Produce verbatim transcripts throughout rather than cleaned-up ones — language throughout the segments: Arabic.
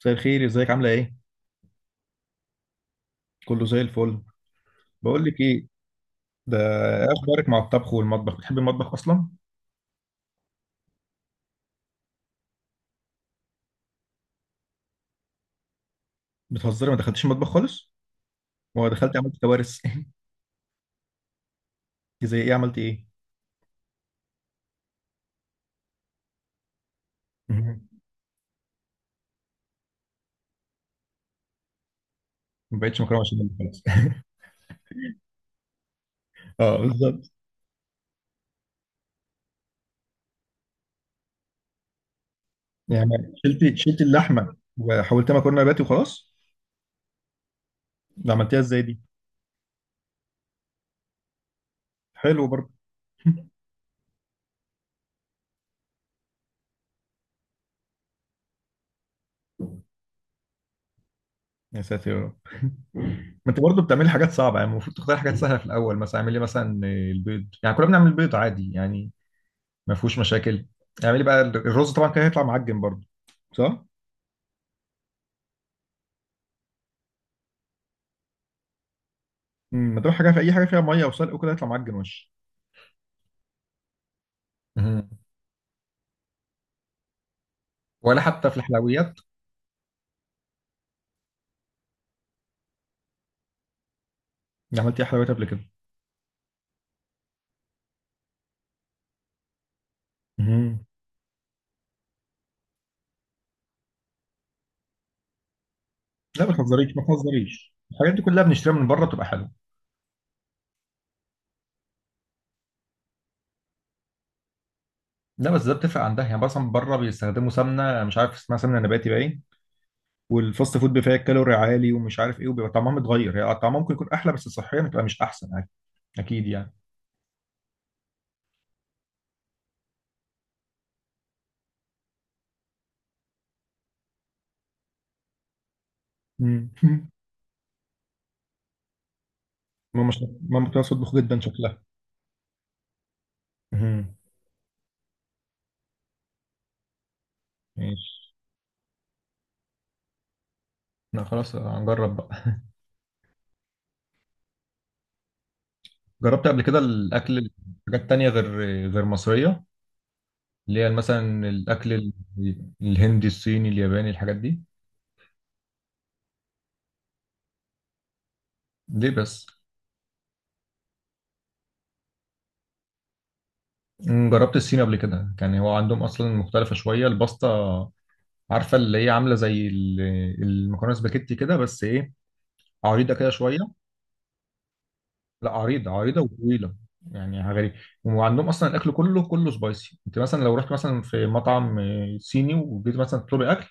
مساء الخير، ازيك؟ عامله ايه؟ كله زي الفل. بقول لك ايه؟ ده ايه اخبارك مع الطبخ والمطبخ؟ بتحبي المطبخ اصلا؟ بتهزري، ما دخلتيش المطبخ خالص ولا دخلت عملت كوارث؟ إنت زي ايه؟ عملت ايه؟ مهم. ما بقتش مكرونه بشاميل خلاص. اه بالظبط. يعني شلتي شلتي اللحمه وحولتها مكرونه نباتي وخلاص؟ ده عملتيها ازاي دي؟ حلو برضه. يا ساتر يا رب. ما انت برضه بتعملي حاجات صعبه، يعني المفروض تختاري حاجات سهله في الاول. مثلا اعملي مثلا البيض، يعني كلنا بنعمل بيض عادي يعني، ما فيهوش مشاكل. اعملي بقى الرز طبعا كان هيطلع معجن برضه، صح؟ مم، ما دام حاجه في اي حاجه فيها ميه وسلق وكده يطلع معجن وش. مهم. ولا حتى في الحلويات؟ أنا عملت ايه حلويات قبل كده؟ مهم. لا ما تهزريش، ما تهزريش، الحاجات دي كلها بنشتريها من بره بتبقى حلوه. لا بس ده بتفرق عندها، يعني مثلا بره بيستخدموا سمنه، مش عارف اسمها سمنه نباتي باين. والفاست فود بيبقى فيها كالوري عالي ومش عارف ايه، وبيبقى طعمها متغير هي، يعني طعمها ممكن يكون احلى بس صحيا بتبقى مش احسن عادي. اكيد يعني. مم. ماما شا... ماما بتعرف تطبخ جدا شكلها. مهم. ماشي. لا خلاص هنجرب بقى. جربت قبل كده الاكل، حاجات تانية غير، غير مصرية، اللي هي مثلا الاكل ال- الهندي الصيني الياباني الحاجات دي؟ ليه بس؟ مم، جربت الصين قبل كده، كان هو عندهم اصلا مختلفة شوية الباستا، عارفة اللي هي عاملة زي ال- المكرونة سباكيتي كده بس ايه، عريضة كده شوية. لا عريضة عريضة وطويلة. يعني حاجة غريبة. وعندهم اصلا الاكل كله كله سبايسي. انت مثلا لو رحت مثلا في مطعم آه، صيني وجيت مثلا تطلبي اكل،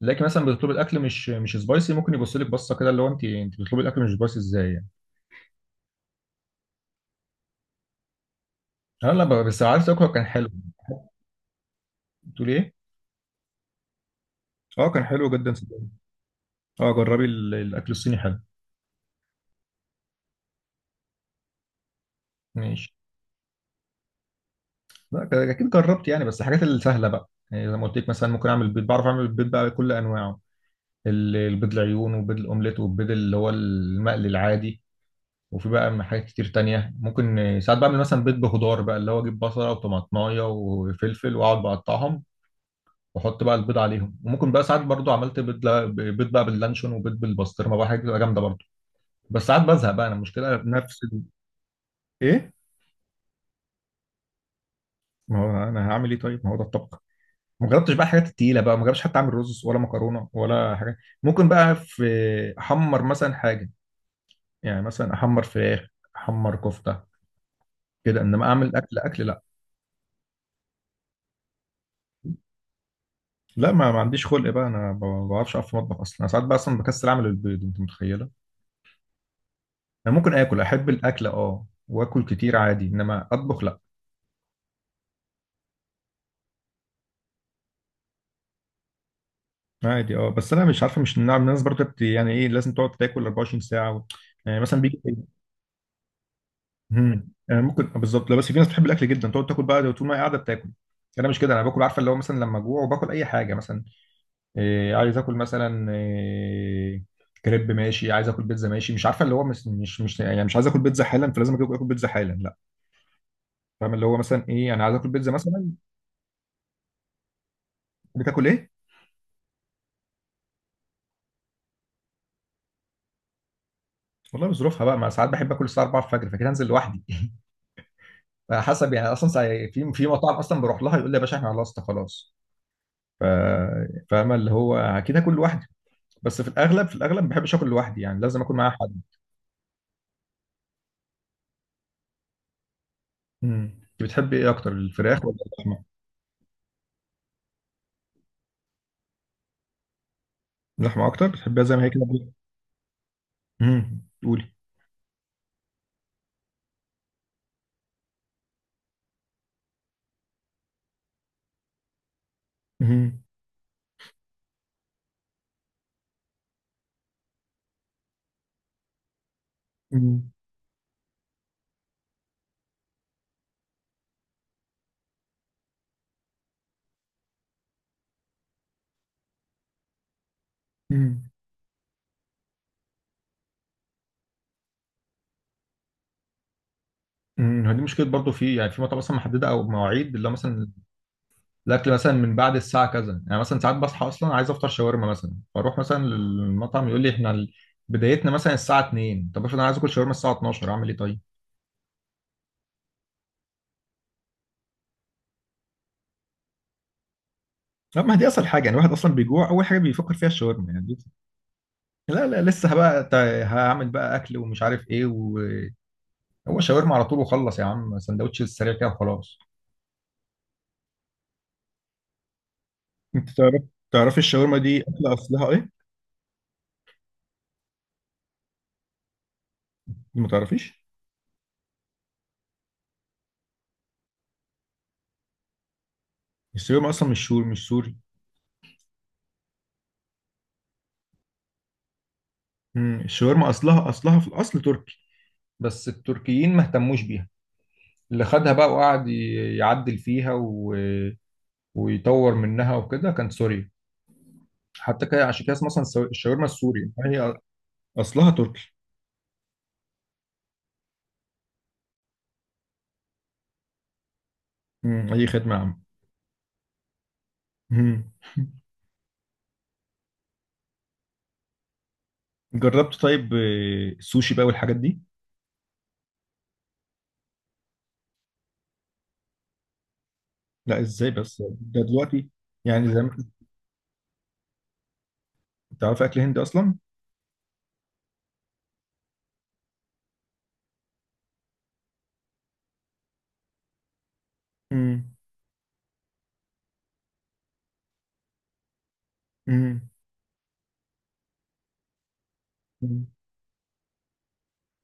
تلاقي مثلا بتطلب الاكل مش مش سبايسي، ممكن يبص لك بصه كده اللي هو انت، انت بتطلبي الاكل مش سبايسي ازاي يعني؟ اه لا ب- بس عارف تاكله كان حلو. بتقول ايه؟ اه كان حلو جدا صدقني. اه جربي ال- الاكل الصيني حلو. ماشي. لا ك- اكيد جربت يعني، بس الحاجات السهله بقى، يعني زي ما قلت لك، مثلا ممكن اعمل بيض، بعرف اعمل البيض بقى بكل انواعه. ال- البيض العيون وبيض الاومليت والبيض اللي هو المقلي العادي. وفي بقى حاجات كتير تانية ممكن، آه، ساعات بعمل مثلا بيض بخضار بقى، اللي هو اجيب بصلة وطماطماية وفلفل واقعد بقطعهم واحط بقى البيض عليهم. وممكن بقى ساعات برضو عملت بيض لا- بيض بقى باللانشون، وبيض بالبسطرمه بقى، حاجه بتبقى جامده برضو. بس ساعات بزهق بقى انا، المشكله نفس ال... ايه؟ ما هو انا هعمل ايه طيب؟ ما هو ده الطبخ. ما جربتش بقى الحاجات التقيله بقى، ما جربتش حتى اعمل رز ولا مكرونه ولا حاجه. ممكن بقى في احمر مثلا حاجه، يعني مثلا احمر فراخ، احمر كفته كده. انما اعمل اكل اكل، لا. لا ما, ما عنديش خلق بقى انا، ب- ما بعرفش اقف في المطبخ اصلا. انا ساعات بقى اصلا بكسل اعمل البيض، انت متخيله؟ انا ممكن اكل، احب الاكل اه واكل كتير عادي، انما اطبخ لا. عادي اه، بس انا مش عارفه، مش نعم الناس برضه بت- يعني ايه لازم تقعد تاكل اربعه وعشرين ساعه و... يعني مثلا بيجي. امم يعني ممكن آه، بالظبط. لا بس في ناس بتحب الاكل جدا، تقعد تاكل بقى طول ما هي قاعده بتاكل. انا مش كده، انا باكل عارفه اللي هو مثلا لما اجوع وباكل اي حاجه، مثلا إيه عايز اكل مثلا؟ إيه كريب؟ ماشي. عايز اكل بيتزا؟ ماشي. مش عارفه اللي هو مش مش مش يعني مش عايز اكل بيتزا حالا فلازم اكل آكل بيتزا حالا، لا. فاهم اللي هو مثلا ايه، انا عايز اكل بيتزا مثلا. بتاكل ايه؟ والله بظروفها بقى، ما ساعات بحب اكل الساعه اربعه الفجر، فكده انزل لوحدي. حسب يعني. اصلا ساعة- في في مطاعم اصلا بروح لها يقول لي يا باشا احنا خلصنا خلاص. ف- فاهمه اللي هو اكيد هاكل لوحدي. بس في الاغلب، في الاغلب ما بحبش اكل لوحدي، يعني لازم اكل معايا حد. امم انت بتحبي ايه اكتر، الفراخ ولا اللحمه؟ اللحمه اكتر؟ بتحبيها زي ما هي كده؟ امم قولي. امم. امم. امم دي مشكله برضو، في يعني في مطاعم مثلا محدده او مواعيد اللي هو مثلا الاكل مثلا من بعد الساعه كذا. يعني مثلا ساعات بصحى اصلا عايز افطر شاورما، مثلا فاروح مثلا للمطعم يقول لي احنا ال- بدايتنا مثلا الساعه اتنين. طب افرض انا عايز اكل شاورما الساعه اتناشر، اعمل ايه طيب؟ لا ما هي دي اصل حاجه، يعني الواحد اصلا بيجوع اول حاجه بيفكر فيها الشاورما يعني دي. لا لا لسه بقى، هعمل بقى اكل ومش عارف ايه، وهو شاورما على طول وخلص يا عم، سندوتش السريع كده وخلاص. انت تعرف، تعرفي الشاورما دي اكل اصلها ايه؟ ما تعرفيش؟ الشاورما اصلا مش سوري، مش سوري. مم، الشاورما اصلها اصلها في الاصل تركي، بس التركيين ما اهتموش بيها. اللي خدها بقى وقعد ي- يعدل فيها و... ويطور منها وكده كان سوريا، حتى كده عشان كده اسمها اصلا السو- الشاورما السوري هي. اصلها تركي. مم، اي خدمه يا عم. مم. جربت طيب آه، السوشي بقى والحاجات دي؟ لا ازاي بس، ده دلوقتي يعني زي ما تعرف اكل هندي اصلا؟ امم. امم.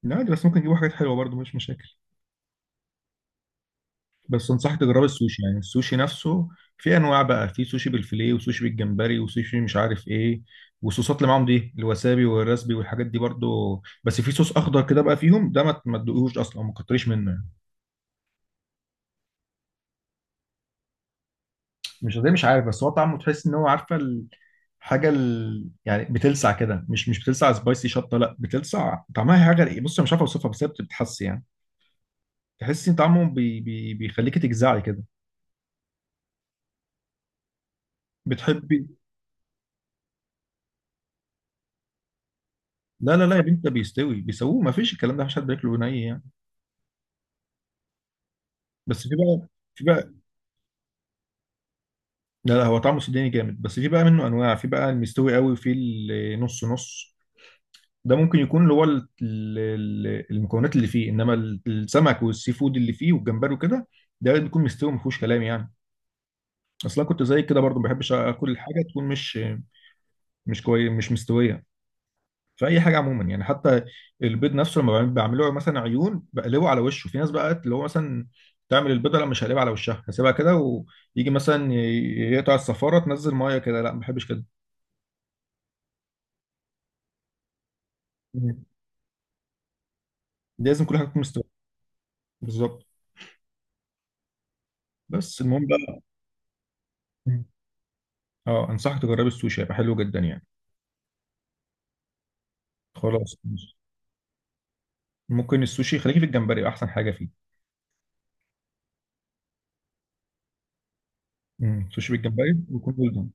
لا دي بس ممكن يجيبوا حاجات حلوه برضو، مش مشاكل. بس انصحك تجرب السوشي، يعني السوشي نفسه. في انواع بقى، في سوشي بالفيليه وسوشي بالجمبري وسوشي مش عارف ايه. والصوصات اللي معاهم دي، الوسابي والرسبي والحاجات دي برضو، بس في صوص اخضر كده بقى فيهم ده ما ما تدوقهوش اصلا، ما تكتريش منه يعني. مش زي، مش عارف، بس هو طعمه تحس ان هو عارفه ال- حاجه ال... يعني بتلسع كده، مش مش بتلسع سبايسي شطه لا، بتلسع طعمها حاجه. بص أنا مش عارف اوصفها، بس هي بتتحس يعني. تحسي ان طعمه بي... بي... بيخليكي تجزعي كده. بتحبي؟ لا لا لا يا بنت، ده بيستوي بيسووه، ما فيش الكلام ده، مفيش حد بياكله ني يعني. بس في بقى، في بقى، لا لا هو طعمه سوداني جامد. بس في بقى منه انواع، في بقى المستوي قوي، وفي النص نص. ده ممكن يكون اللي هو ال- ال- المكونات اللي فيه، انما ال- السمك والسي فود اللي فيه والجمبري وكده، ده بيكون مستوي ما فيهوش كلام يعني. اصلا كنت زي كده برضو، ما بحبش اكل الحاجه تكون مش مش كويس، مش مستويه، في اي حاجه عموما يعني. حتى البيض نفسه لما بعمل- بعمله مثلا عيون بقلبه على وشه. في ناس بقى اللي هو مثلا تعمل البيضه لا مش هقلبها على وشها، هسيبها كده ويجي مثلا ي- يقطع الصفاره تنزل ميه كده، لا ما بحبش كده. مم. لازم كل حاجه تكون مستويه. بالظبط. بس المهم بقى. مم. اه انصحك تجربي السوشي، هيبقى حلو جدا يعني. خلاص ماشي. ممكن السوشي خليكي في الجمبري، احسن حاجه فيه. مم. سوشي بالجمبري ويكون جولدن.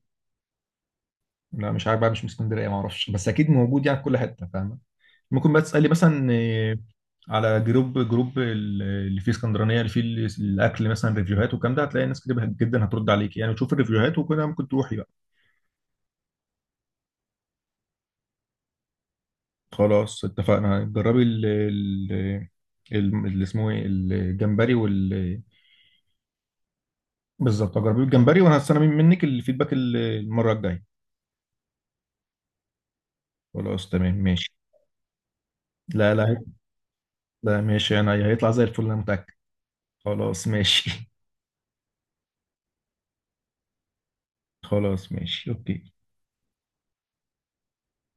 لا مش عارف بقى، مش من اسكندريه ما اعرفش، بس اكيد موجود يعني في كل حته فاهمه. ممكن بقى تسألي مثلا، آه، على جروب، جروب ال- اللي فيه اسكندرانية، اللي فيه ال- الأكل مثلا، ريفيوهات والكلام ده، هتلاقي ناس كتير جدا هترد عليك يعني، وتشوف الريفيوهات وكده ممكن تروحي بقى. خلاص اتفقنا. جربي ال ال ال- اللي اسمه ايه، الجمبري وال، بالظبط جربي الجمبري، وأنا هستنى منك الفيدباك ال- المرة الجاية. خلاص تمام ماشي. لا لا. لا ماشي أنا هيطلع زي الفل أنا متأكد. خلاص ماشي. خلاص ماشي أوكي.